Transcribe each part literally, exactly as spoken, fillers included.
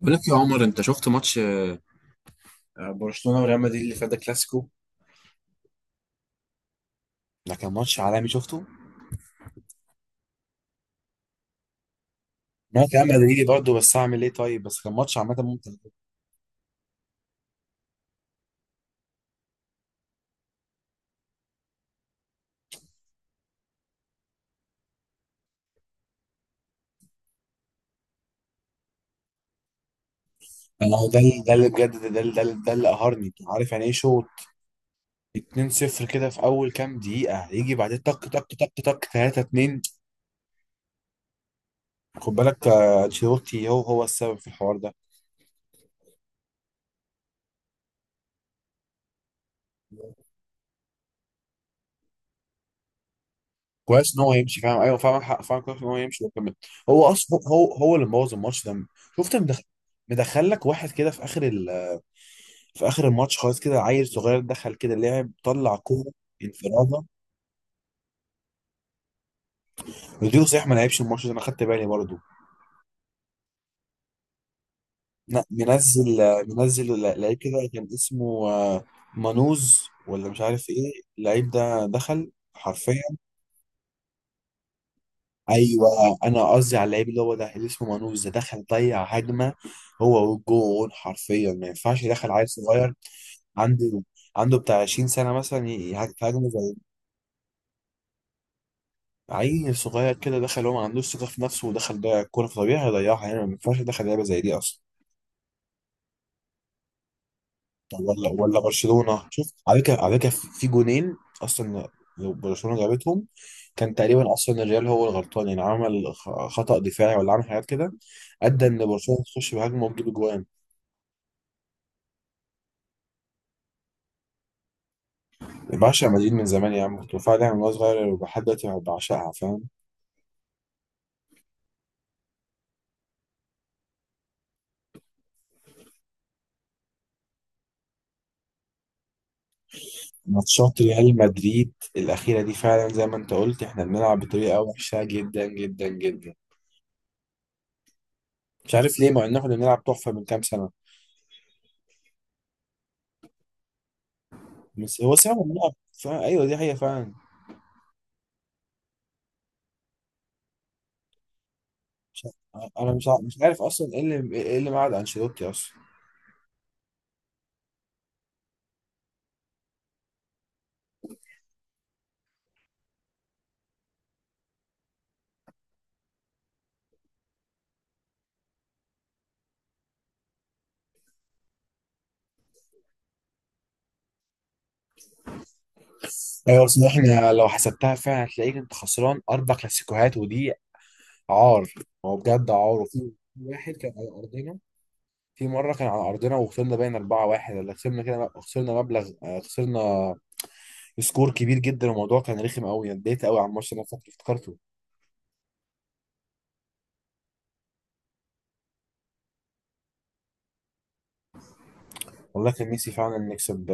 بقول لك يا عمر، انت شفت ماتش آه، برشلونة وريال مدريد اللي فات ده كلاسيكو. ده كان ماتش عالمي شفته. انا كان مدريدي برضه، بس اعمل ايه؟ طيب بس كان ماتش عامه ممتع. انا هو ده اللي- ده اللي بجد ده ده اللي- ده اللي ده اللي قهرني. انت عارف يعني ايه شوط اتنين صفر كده في اول كام دقيقه، يجي بعدين طق طق طق طق ثلاثة اثنين؟ خد بالك، آه، انشيلوتي هو هو السبب في الحوار ده. كويس ان هو يمشي، فاهم؟ ايوه، فاهم حق. فاهم كويس ان هو يمشي وكمل. هو اصلا هو هو اللي مبوظ الماتش ده. شفت مدخل؟ مدخل لك واحد كده في اخر، في اخر الماتش خالص، كده عيل صغير دخل كده لعب طلع كوره انفرادة. رودريجو صحيح ما لعبش الماتش ده، انا خدت بالي برضه. ن- منزل، منزل لعيب كده كان اسمه آه، مانوز، ولا مش عارف ايه. اللعيب ده دخل حرفيا. ايوه، انا قصدي على اللعيب اللي هو ده اللي اسمه مانوز ده، دخل ضيع هجمه هو والجون. حرفيا ما ينفعش يدخل عيل صغير عنده، عنده بتاع عشرين سنة سنه مثلا ي- يهاجمه زي عيل صغير كده. دخل، هو ما عندوش ثقة في نفسه، ودخل ده الكورة في طبيعي هيضيعها يعني. ما ينفعش يدخل لعبة زي دي أصلا. طب ولا ولا برشلونة، شوف على فكرة، على فكرة في في جونين أصلا لو برشلونة جابتهم، كان تقريبا أصلا الريال هو الغلطان. يعني عمل خ- خطأ دفاعي ولا عمل حاجات كده أدى إن برشلونة تخش بهجمة وتجيب جوان. بعشق مدريد من زمان يا عم، كنت بتفرج عليها من وأنا صغير ولحد دلوقتي بعشقها، فاهم. ماتشات ريال مدريد الأخيرة دي فعلا زي ما أنت قلت، إحنا بنلعب بطريقة وحشة جدا جدا جدا. مش عارف ليه، مع ان احنا كنا بنلعب تحفه من كام سنه. بس هو صعب الملعب. فعلا ايوه، دي حقيقه فعلا. مش ع- انا مش ع- مش عارف اصلا ايه اللي ايه اللي معاد انشيلوتي اصلا. ايوه بس احنا لو حسبتها فعلا هتلاقيك انت خسران اربع كلاسيكوهات، ودي عار. هو بجد عار. وفي واحد كان على ارضنا، في مره كان على ارضنا وخسرنا باين أربعة واحد، ولا خسرنا كده خسرنا مبلغ، آه، خسرنا سكور كبير جدا. الموضوع كان رخم قوي، اتضايقت قوي على الماتش انا فاكر افتكرته. والله كان نفسي فعلا نكسب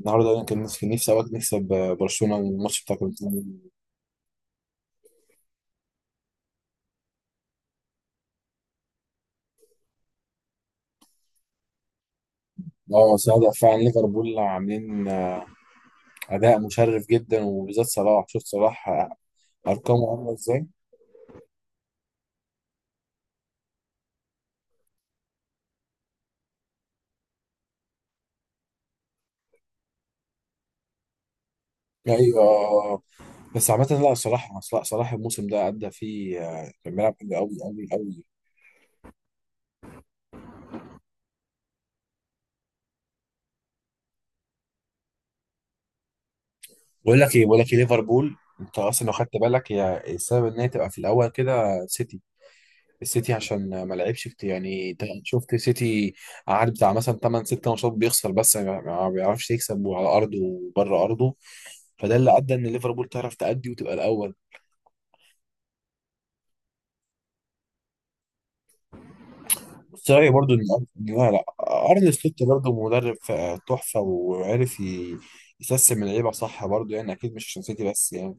النهارده. انا كان نفسي، نفسي اوقات نكسب آه، برشلونه الماتش بتاع كنت. اه بس لا، فعلا ليفربول عاملين آه، اداء مشرف جدا، وبالذات صلاح. شفت صلاح آه، ارقامه عامله ازاي؟ ايوه بس عامه، لا صلاح، لا صلاح الموسم ده ادى فيه آه، كان بيلعب حلو قوي قوي قوي. بقول لك ايه بقول لك ايه، ليفربول انت اصلا لو خدت بالك هي السبب ان هي تبقى في الاول كده. سيتي، السيتي عشان ما لعبش كتير. يعني انت شفت سيتي قعد بتاع مثلا ثمانية ستة ماتشات بيخسر، بس ما ما بيعرفش يكسب، وعلى ارضه وبره ارضه. فده اللي ادى ان ليفربول تعرف تأدي وتبقى الاول. بس رايي برضو ان أر- لا، لا، ارن سلوت برضو مدرب ف- تحفه، وعرف ي- يسيستم اللعيبه صح برضو، يعني اكيد مش عشان سيتي بس يعني.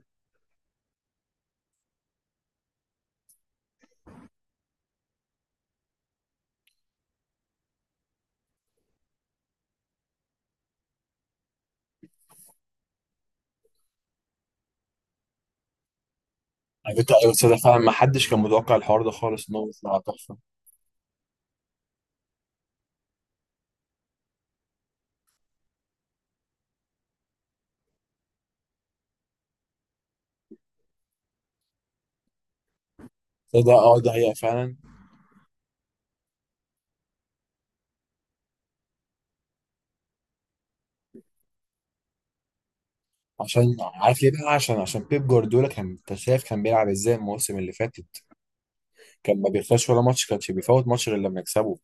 على فكره أيوة، بس ده فعلا ما حدش كان متوقع الحوار ده خالص ان هو يطلع تحفه. ده ده اه ده هي فعلا. عشان عارف ليه بقى؟ عشان عشان بيب جوارديولا. كان انت شايف كان بيلعب ازاي الموسم اللي فاتت؟ كان ما بيخسرش ولا ماتش، كانش بيفوت ماتش غير لما يكسبه.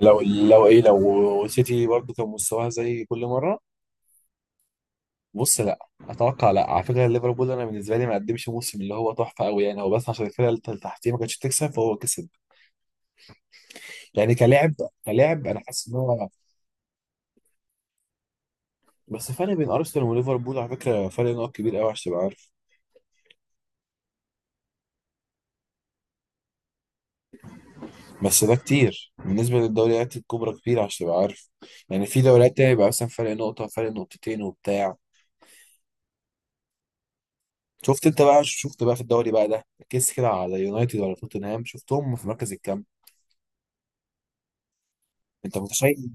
لو لو ايه، لو سيتي برضه كان مستواها زي كل مره. بص لا، اتوقع لا، على فكره ليفربول انا بالنسبه لي ما قدمش موسم اللي هو تحفه قوي يعني. هو بس عشان الفرقه اللي تحتيه ما كانتش تكسب فهو كسب يعني كلاعب. كلاعب انا حاسس ان هو. بس فرق بين ارسنال وليفربول على فكره فرق نقط كبير قوي عشان تبقى عارف. بس ده كتير بالنسبة للدوريات الكبرى، كتير عشان تبقى عارف. يعني في دوريات تانية بيبقى مثلا فرق نقطة، فرق نقطتين وبتاع. شفت انت بقى شفت بقى في الدوري بقى ده، ركزت كده على يونايتد ولا توتنهام شفتهم في مركز الكام؟ انت متخيل؟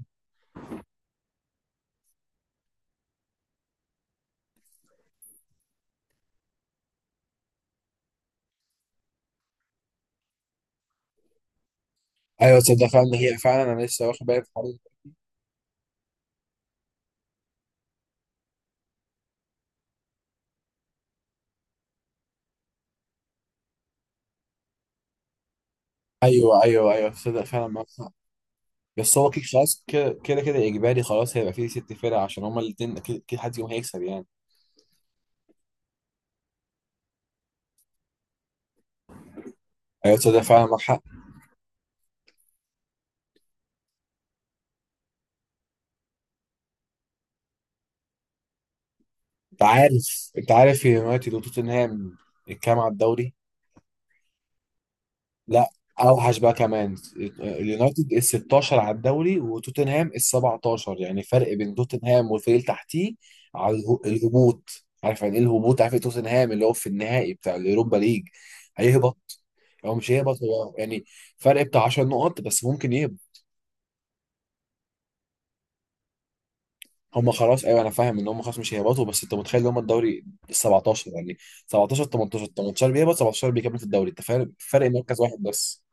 ايوه تصدق، فعلا هي فعلا انا لسه واخد بالي من الحوار ده. ايوه ايوه ايوه، تصدق فعلا معاك حق. بس هو كده خلاص، كده كده كده اجباري خلاص هيبقى فيه ست فرق، عشان هما الاتنين اكيد اكيد حد يوم هيكسب يعني. ايوه تصدق فعلا معاك حق. انت عارف، انت عارف يونايتد وتوتنهام الكام على الدوري؟ لا اوحش بقى كمان. اليونايتد ال ستاشر على الدوري، وتوتنهام ال سبعتاشر. يعني فرق بين توتنهام والفريق اللي تحتيه على اله- الهبوط. عارف يعني ايه الهبوط؟ عارف إيه؟ توتنهام اللي هو في النهائي بتاع اليوروبا ليج هيهبط. هو مش هيهبط هو يعني، فرق بتاع 10 نقط بس ممكن يهبط. هم خلاص، ايوه انا فاهم ان هم خلاص مش هيهبطوا، بس انت متخيل ان هم الدوري ال السابع عشر يعني؟ سبعة عشر ثمانية عشر، ثمانية عشر بيهبط سبعة عشر بيكمل في الدوري، انت فارق فرق مركز واحد بس.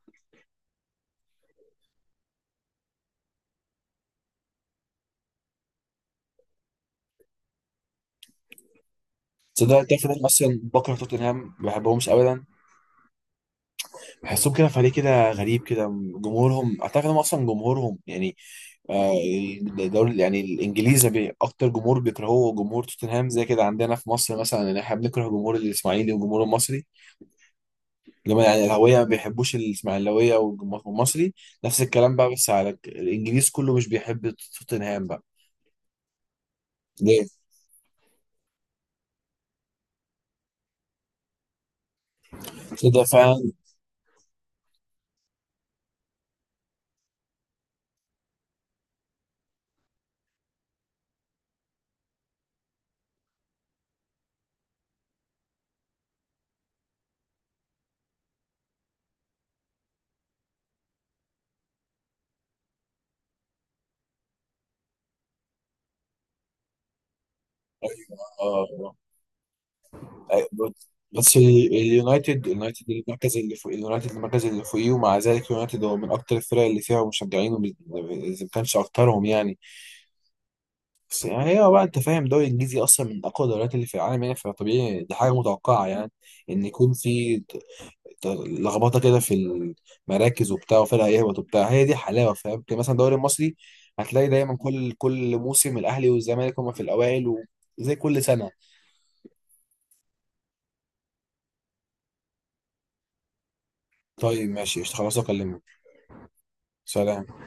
تصدق تعرف إن انا اصلا بكره توتنهام؟ ما بحبهمش ابدا. بحسهم كده فريق كده غريب كده. جمهورهم اعتقد هم اصلا جمهورهم يعني، آه، الدوري يعني الانجليزي بي- اكتر جمهور بيكرهوه جمهور توتنهام. زي كده عندنا في مصر مثلا، يعني احنا بنكره جمهور الاسماعيلي والجمهور المصري لما يعني الاهلاويه ما بيحبوش الاسماعيلاويه والجمهور المصري. نفس الكلام بقى، بس على الانجليز كله مش بيحب توتنهام بقى. ليه كده فعلا؟ أيوة. آه. بس بس ال- اليونايتد اليونايتد المركز اللي فوق، اليونايتد المركز اللي فوقيه، ومع ذلك اليونايتد هو من اكتر الفرق اللي فيها مشجعين وم- اذا ما كانش اكترهم يعني. بس يعني هو بقى انت فاهم الدوري الانجليزي اصلا من اقوى الدوريات اللي في العالم يعني، فطبيعي دي حاجه متوقعه يعني، ان يكون في ت- ت- لخبطه كده في المراكز وبتاع، وفرق يهبط وبتاع، هي دي حلاوه فاهم. يمكن مثلا الدوري المصري هتلاقي دايما كل كل موسم الاهلي والزمالك هما في الاوائل، وزي كل سنه. طيب ماشي قشطة، خلاص اكلمك. سلام.